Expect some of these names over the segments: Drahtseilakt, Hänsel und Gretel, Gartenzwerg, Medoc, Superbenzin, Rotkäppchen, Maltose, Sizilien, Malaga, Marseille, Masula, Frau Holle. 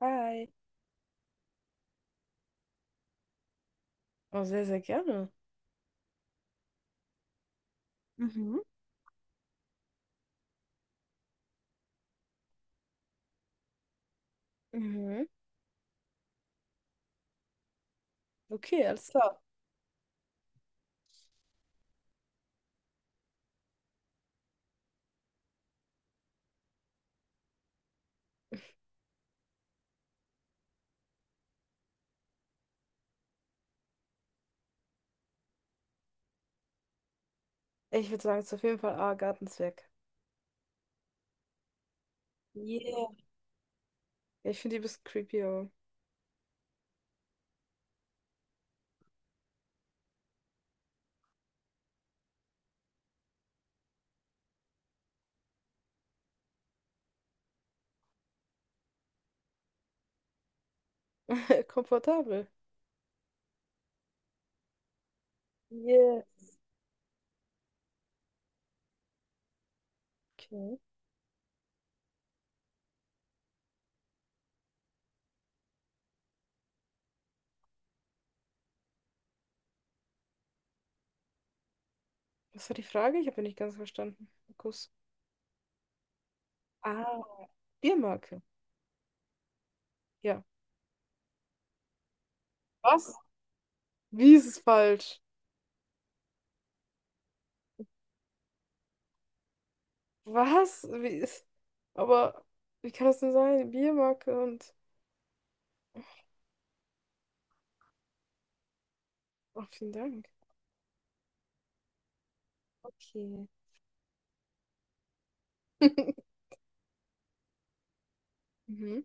Hi. Oh, sehr, sehr gerne. Mhm. Mhm. Okay, alles klar. Ich würde sagen, es ist auf jeden Fall A, Gartenzwerg. Yeah, ja, ich finde die ein bisschen creepy, aber komfortabel. Yes. Okay. Was war die Frage? Ich habe nicht ganz verstanden. Kuss. Ah, Biermarke. Ja. Was? Wie ist es falsch? Was? Aber wie kann das denn sein? Biermarke und. Oh, vielen Dank. Okay. Mhm.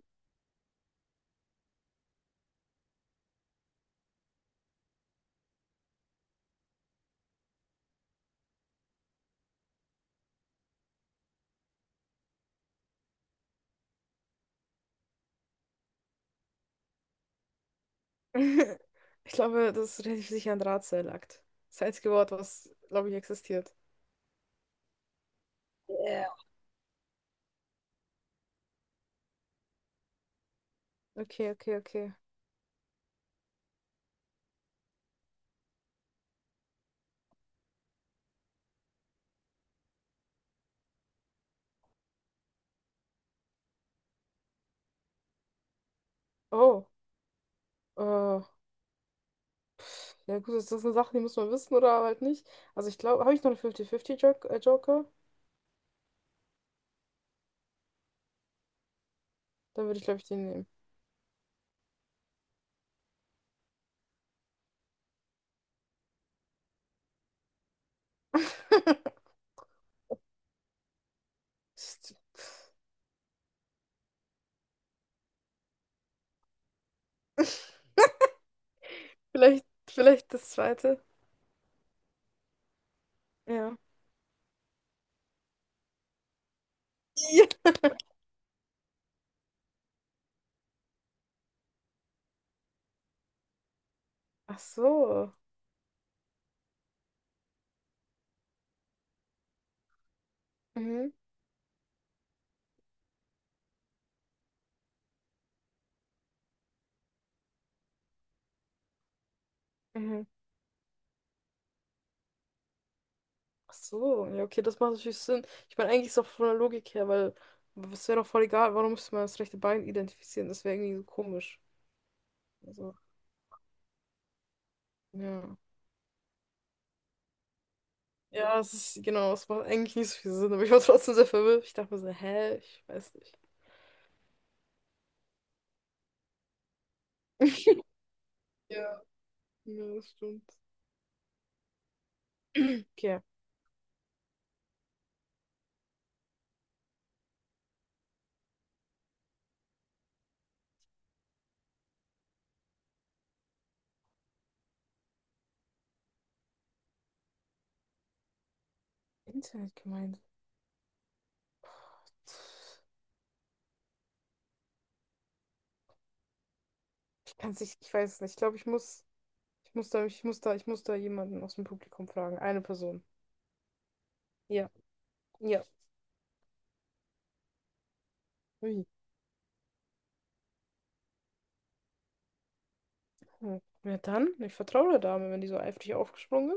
Ich glaube, das ist relativ sicher ein Drahtseilakt. Das einzige Wort, was, glaube ich, existiert. Ja. Okay, okay, okay. Oh, äh, ja gut, das sind Sachen, die muss man wissen oder halt nicht. Also ich glaube, habe ich noch einen 50-50-Joker? Joker? Dann würde ich, glaube ich, den nehmen. Vielleicht, vielleicht das zweite. Ja. Ja. Ach so. Mhm. Mhm. Ach so, ja, okay, das macht natürlich Sinn. Ich meine, eigentlich ist es auch von der Logik her, weil es wäre doch voll egal, warum müsste man das rechte Bein identifizieren? Das wäre irgendwie so komisch. Also, ja. Ja, es ist, genau, es macht eigentlich nicht so viel Sinn, aber ich war trotzdem sehr verwirrt. Ich dachte mir so, hä, ich weiß nicht. Ja, ja, das stimmt. Okay, Internetgemeinde. Ich kann es nicht, ich weiß es nicht. Ich glaube, ich muss da, ich muss da, ich muss da jemanden aus dem Publikum fragen. Eine Person. Ja, ja. Ui. Hm. Ja, dann, ich vertraue der Dame, wenn die so eifrig aufgesprungen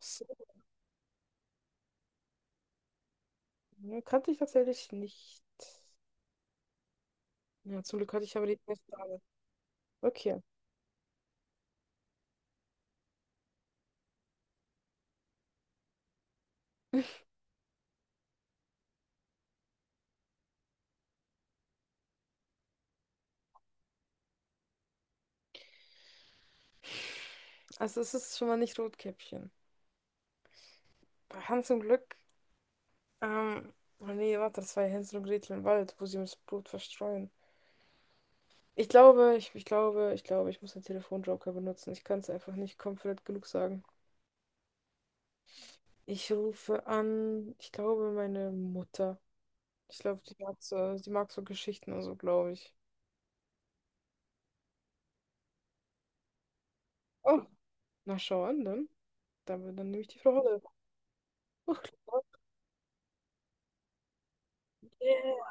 ist. Ja, kannte ich tatsächlich nicht. Ja, zum Glück hatte ich aber die Frage. Okay, also es ist schon mal nicht Rotkäppchen. Bei Hans im Glück, ähm, oh nee, warte, das war ja Hänsel und Gretel im Wald, wo sie das Blut verstreuen. Ich glaube, ich muss den Telefonjoker benutzen. Ich kann es einfach nicht confident genug sagen. Ich rufe an, ich glaube, meine Mutter. Ich glaube, die mag so Geschichten und so, glaube ich. Oh, na schau an, dann. Dann nehme ich die Frau Holle. Oh, klar. Yeah.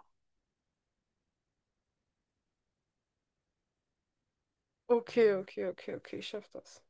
Okay, okay, okay, okay, ich schaff das.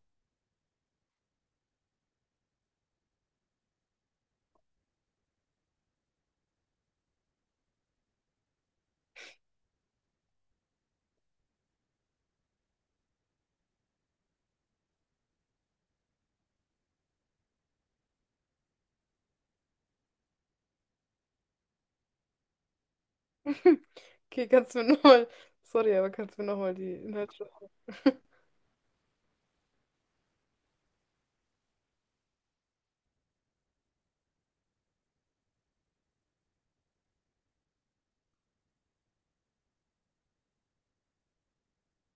Okay, kannst du mir nochmal. Sorry, aber kannst du mir nochmal die Inhalte.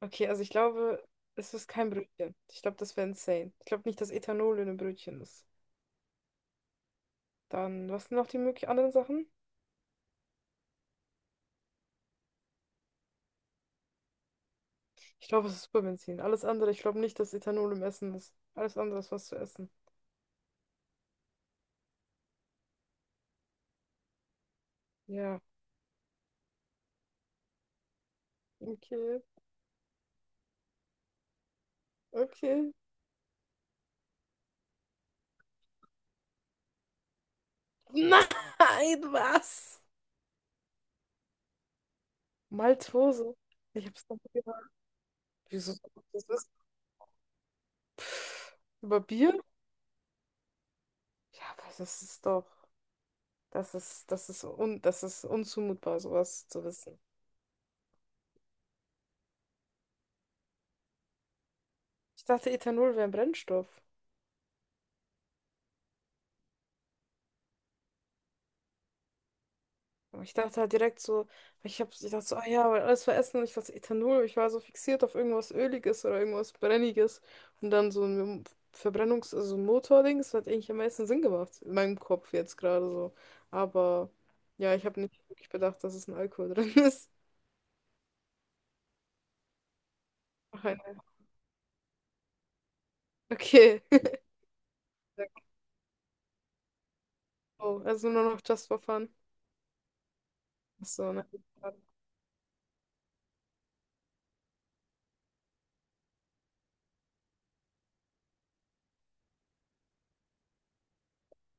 Okay, also ich glaube, es ist kein Brötchen. Ich glaube, das wäre insane. Ich glaube nicht, dass Ethanol in einem Brötchen ist. Dann, was sind noch die möglichen anderen Sachen? Ich glaube, es ist Superbenzin. Alles andere, ich glaube nicht, dass Ethanol im Essen ist. Alles andere ist was zu essen. Ja, okay, okay. Nein, was? Maltose. Ich hab's noch nie gehört. Wieso soll ich das wissen? Pff, über Bier? Ja, aber das ist doch, das ist un, das ist unzumutbar, sowas zu wissen. Ich dachte, Ethanol wäre ein Brennstoff. Aber ich dachte halt direkt so, ich dachte so, ah ja, weil alles war Essen und ich dachte Ethanol, ich war so fixiert auf irgendwas Öliges oder irgendwas Brenniges und dann so also ein Motording, das hat eigentlich am meisten Sinn gemacht, in meinem Kopf jetzt gerade so. Aber ja, ich habe nicht wirklich bedacht, dass es ein Alkohol drin ist. Ach, ein- Okay. Oh, also nur noch just for fun. Ach so, ne?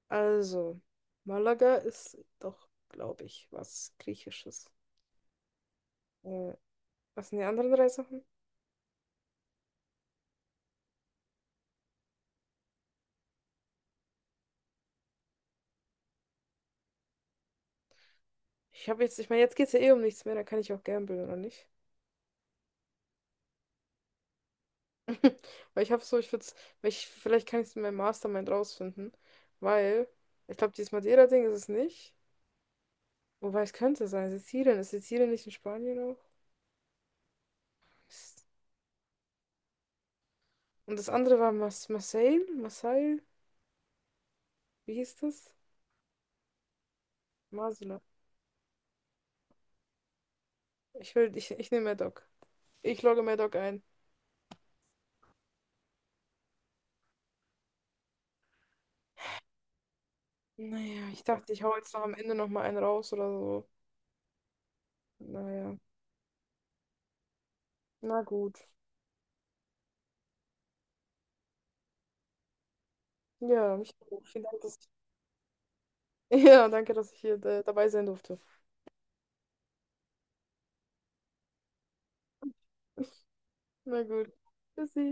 Also, Malaga ist doch, glaube ich, was Griechisches. Äh, was sind die anderen drei Sachen? Ich habe jetzt, ich meine, jetzt geht es ja eh um nichts mehr, dann kann ich auch gamblen, oder nicht? Weil ich habe so, ich würde es, vielleicht kann ich es in meinem Mastermind rausfinden, weil ich glaube, dieses Madeira-Ding ist es nicht. Wobei es könnte sein, Sizilien. Ist Sizilien nicht in Spanien auch? Mist. Und das andere war Mas Marseille? Marseille? Wie hieß das? Masula. Ich nehme Medoc. Ich logge Medoc ein. Naja, ich dachte, ich hau jetzt noch am Ende noch mal einen raus oder so. Naja, na gut. Ja, mich auch. Vielen Dank, dass ich. Ja, danke, dass ich hier dabei sein durfte. Na gut. Tschüssi.